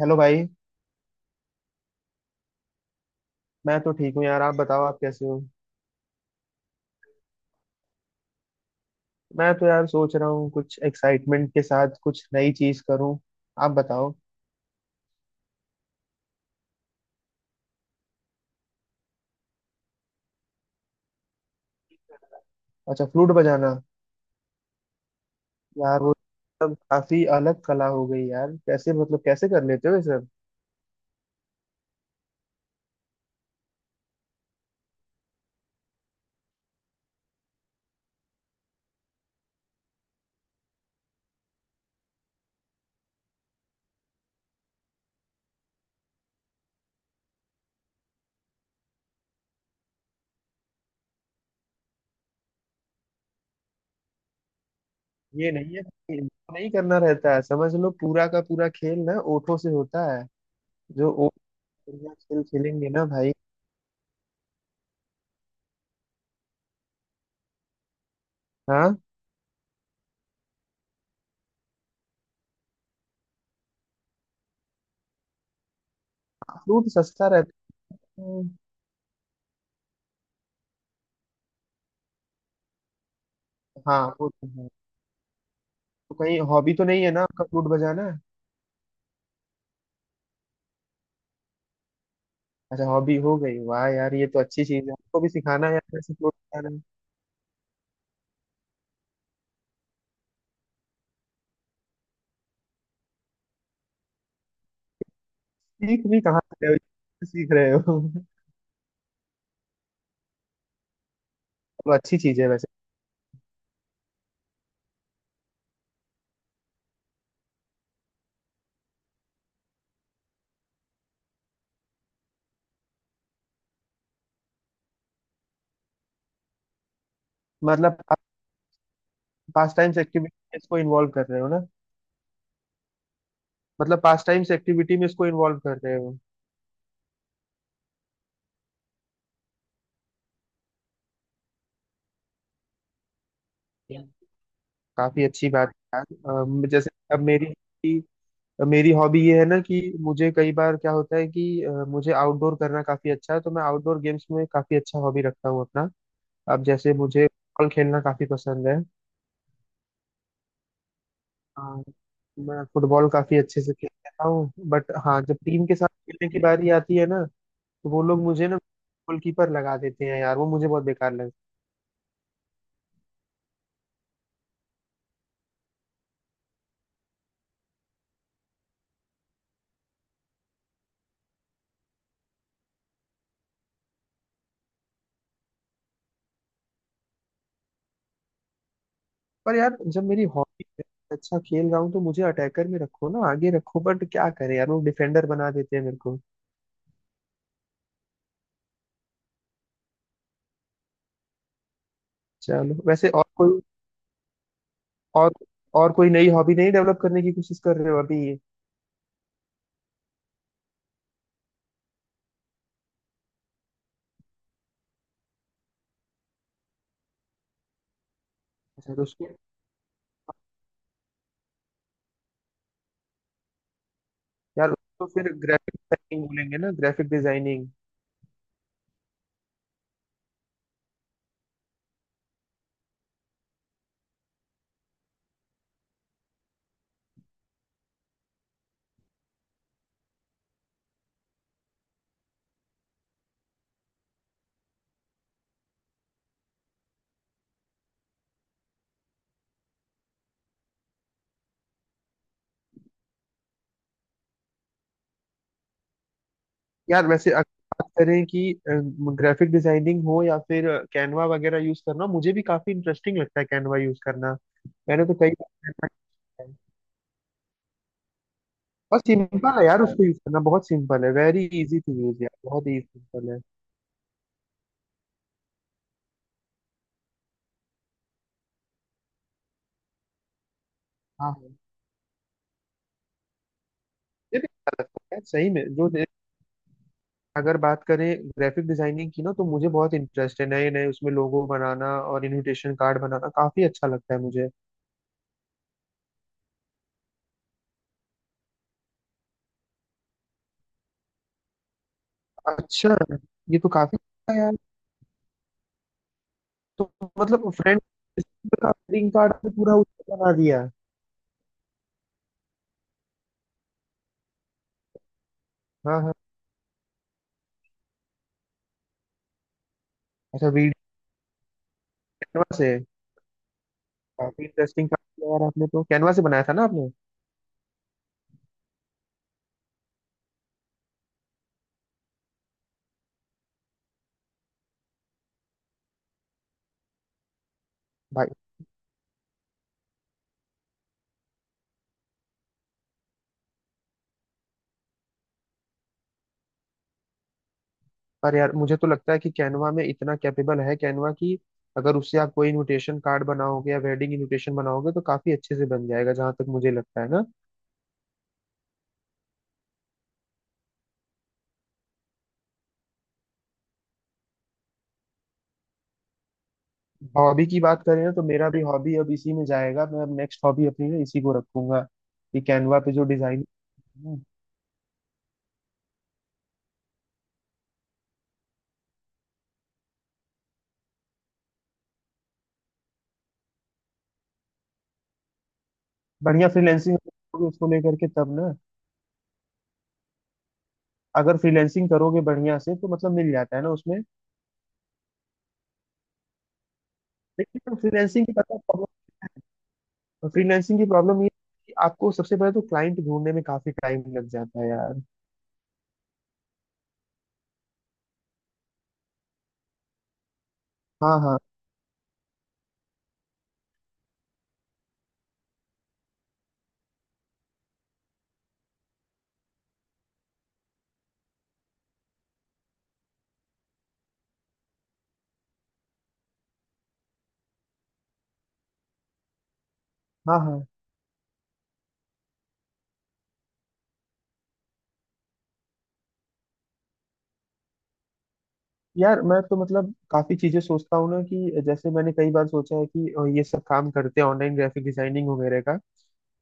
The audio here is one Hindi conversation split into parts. हेलो भाई। मैं तो ठीक हूँ यार, आप बताओ, आप कैसे हो? मैं तो यार सोच रहा हूँ कुछ एक्साइटमेंट के साथ कुछ नई चीज करूँ। आप बताओ। अच्छा, फ्लूट बजाना। यार वो सब काफी अलग कला हो गई यार। कैसे, मतलब कैसे कर लेते हो ये सब? ये नहीं है कि इनको नहीं करना रहता है, समझ लो पूरा का पूरा खेल ना ओठों से होता है। जो ओठ बढ़िया खेल खेलेंगे ना भाई। हाँ, फ्लूट सस्ता रहता है। हाँ, वो तो है। तो कहीं हॉबी तो नहीं है ना आपका फ्लूट बजाना? अच्छा, हॉबी हो गई। वाह यार, ये तो अच्छी चीज है। आपको भी सिखाना है यार ऐसे, फ्लोट सिखाना है। सीख भी कहाँ से रहे हो, सीख रहे हो? तो अच्छी चीज है वैसे। मतलब आप पास टाइम्स एक्टिविटी में इसको इन्वॉल्व कर रहे हो ना? मतलब पास टाइम्स एक्टिविटी में इसको इन्वॉल्व कर रहे हो। Yeah। काफी अच्छी बात है यार। जैसे अब मेरी मेरी हॉबी ये है ना कि मुझे कई बार क्या होता है कि मुझे आउटडोर करना काफी अच्छा है, तो मैं आउटडोर गेम्स में काफी अच्छा हॉबी रखता हूँ अपना। अब जैसे मुझे फुटबॉल खेलना काफी पसंद है। हाँ, मैं फुटबॉल काफी अच्छे से खेल लेता हूँ बट हाँ, जब टीम के साथ खेलने की बारी आती है ना, तो वो लोग मुझे ना गोलकीपर लगा देते हैं यार, वो मुझे बहुत बेकार लगता है। पर यार जब मेरी हॉबी है, अच्छा खेल रहा हूँ, तो मुझे अटैकर में रखो ना, आगे रखो, बट क्या करें यार, वो डिफेंडर बना देते हैं मेरे को। चलो वैसे, और कोई और और कोई नई हॉबी नहीं डेवलप करने की कोशिश कर रहे हो अभी? अच्छा, तो उसको यार उसको फिर ग्राफिक डिजाइनिंग बोलेंगे ना, ग्राफिक डिजाइनिंग। यार वैसे अगर बात करें कि ग्राफिक डिजाइनिंग हो या फिर कैनवा वगैरह यूज करना, मुझे भी काफी इंटरेस्टिंग लगता है कैनवा यूज करना। मैंने तो कई बार Canva किया है, और सिंपल है यार, अच्छा उसको यूज करना बहुत सिंपल है, वेरी इजी टू यूज यार, बहुत ही सिंपल है। हाँ, मुझे भी अच्छा लगता है यार, सही में अगर बात करें ग्राफिक डिजाइनिंग की ना, तो मुझे बहुत इंटरेस्ट है, नए नए उसमें लोगो बनाना और इनविटेशन कार्ड बनाना काफी अच्छा लगता है मुझे। अच्छा, ये तो काफी अच्छा है यार। तो मतलब रिंग कार्ड में पूरा उसको बना दिया। हाँ हाँ। अच्छा, वीडियो कैनवा से? काफी इंटरेस्टिंग काम किया यार आपने, तो कैनवा से बनाया था ना आपने भाई? पर यार मुझे तो लगता है कि कैनवा में इतना कैपेबल है कैनवा की, अगर उससे आप कोई इनविटेशन कार्ड बनाओगे या वेडिंग इनविटेशन बनाओगे तो काफी अच्छे से बन जाएगा, जहां तक मुझे लगता है ना। हॉबी की बात करें ना, तो मेरा भी हॉबी अब इसी में जाएगा, मैं अब नेक्स्ट हॉबी अपनी ना इसी को रखूंगा कि कैनवा पे जो डिजाइन। बढ़िया, फ्रीलैंसिंग उसको लेकर के तब ना, अगर फ्रीलैंसिंग करोगे बढ़िया से तो मतलब मिल जाता है ना उसमें। लेकिन फ्रीलैंसिंग की प्रॉब्लम ये है कि आपको सबसे पहले तो क्लाइंट ढूंढने में काफी टाइम लग जाता है यार। हाँ, हाँ, हाँ, हाँ। यार मैं तो मतलब काफी चीजें सोचता हूँ ना, कि जैसे मैंने कई बार सोचा है कि ये सब काम करते हैं ऑनलाइन ग्राफिक डिजाइनिंग वगैरह का।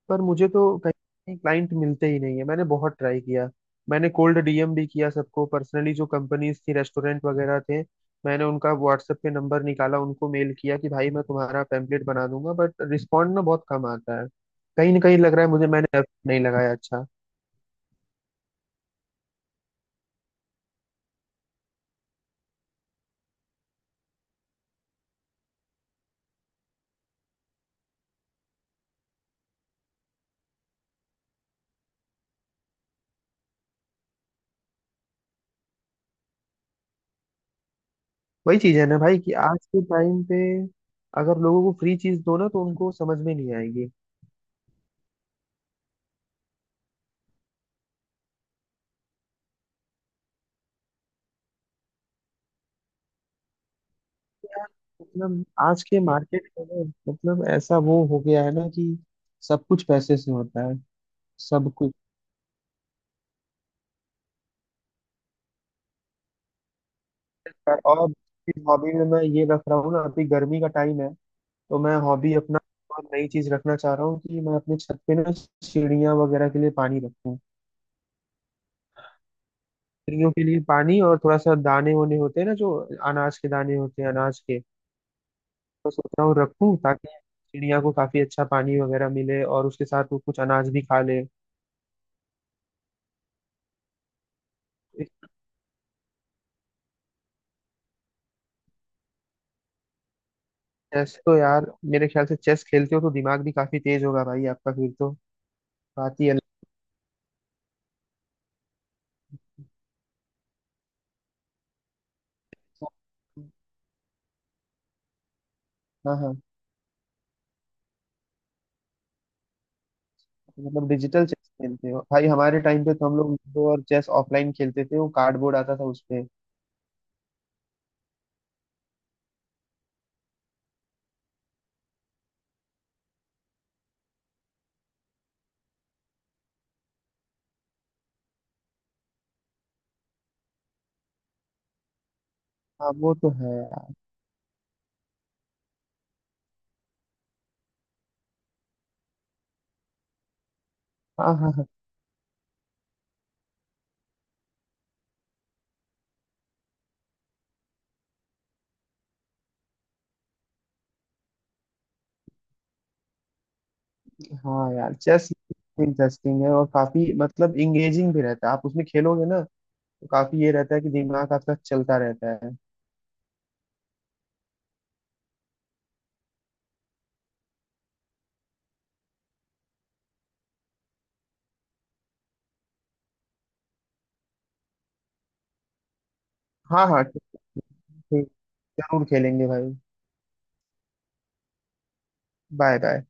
पर मुझे तो कहीं क्लाइंट मिलते ही नहीं है, मैंने बहुत ट्राई किया। मैंने कोल्ड डीएम भी किया सबको पर्सनली, जो कंपनीज थी, रेस्टोरेंट वगैरह थे, मैंने उनका व्हाट्सएप पे नंबर निकाला, उनको मेल किया कि भाई मैं तुम्हारा पैम्पलेट बना दूंगा, बट रिस्पॉन्ड ना बहुत कम आता है। कहीं ना कहीं लग रहा है मुझे मैंने effort नहीं लगाया अच्छा। वही चीज है ना भाई, कि आज के टाइम पे अगर लोगों को फ्री चीज दो ना, तो उनको समझ में नहीं आएगी। यार, मतलब आज के मार्केट में ना, मतलब ऐसा वो हो गया है ना कि सब कुछ पैसे से होता है, सब कुछ। और हॉबी में मैं ये रख रहा हूँ ना, अभी गर्मी का टाइम है तो मैं हॉबी अपना और नई चीज रखना चाह रहा हूँ कि मैं अपने छत पे ना चिड़िया वगैरह के लिए पानी रखूँ। चिड़ियों के लिए पानी और थोड़ा सा दाने वाने होते हैं ना, जो अनाज के दाने होते हैं, अनाज के। तो सोच रहा हूँ रखूँ ताकि चिड़िया को काफी अच्छा पानी वगैरह मिले और उसके साथ वो कुछ अनाज भी खा ले। चेस तो यार, मेरे ख्याल से चेस खेलते हो तो दिमाग भी काफी तेज होगा भाई आपका, फिर तो बात ही अलग है। हाँ हाँ, मतलब डिजिटल चेस खेलते हो भाई? हमारे टाइम पे तो हम लोग लूडो और चेस ऑफलाइन खेलते थे, वो कार्डबोर्ड आता था उस पे। हाँ, वो तो है यार। हाँ, हाँ, हाँ, हाँ। यार चेस इंटरेस्टिंग है और काफी मतलब इंगेजिंग भी रहता है, आप उसमें खेलोगे ना, तो काफी ये रहता है कि दिमाग आपका चलता रहता है। हाँ हाँ, ठीक, जरूर खेलेंगे भाई। Bye bye.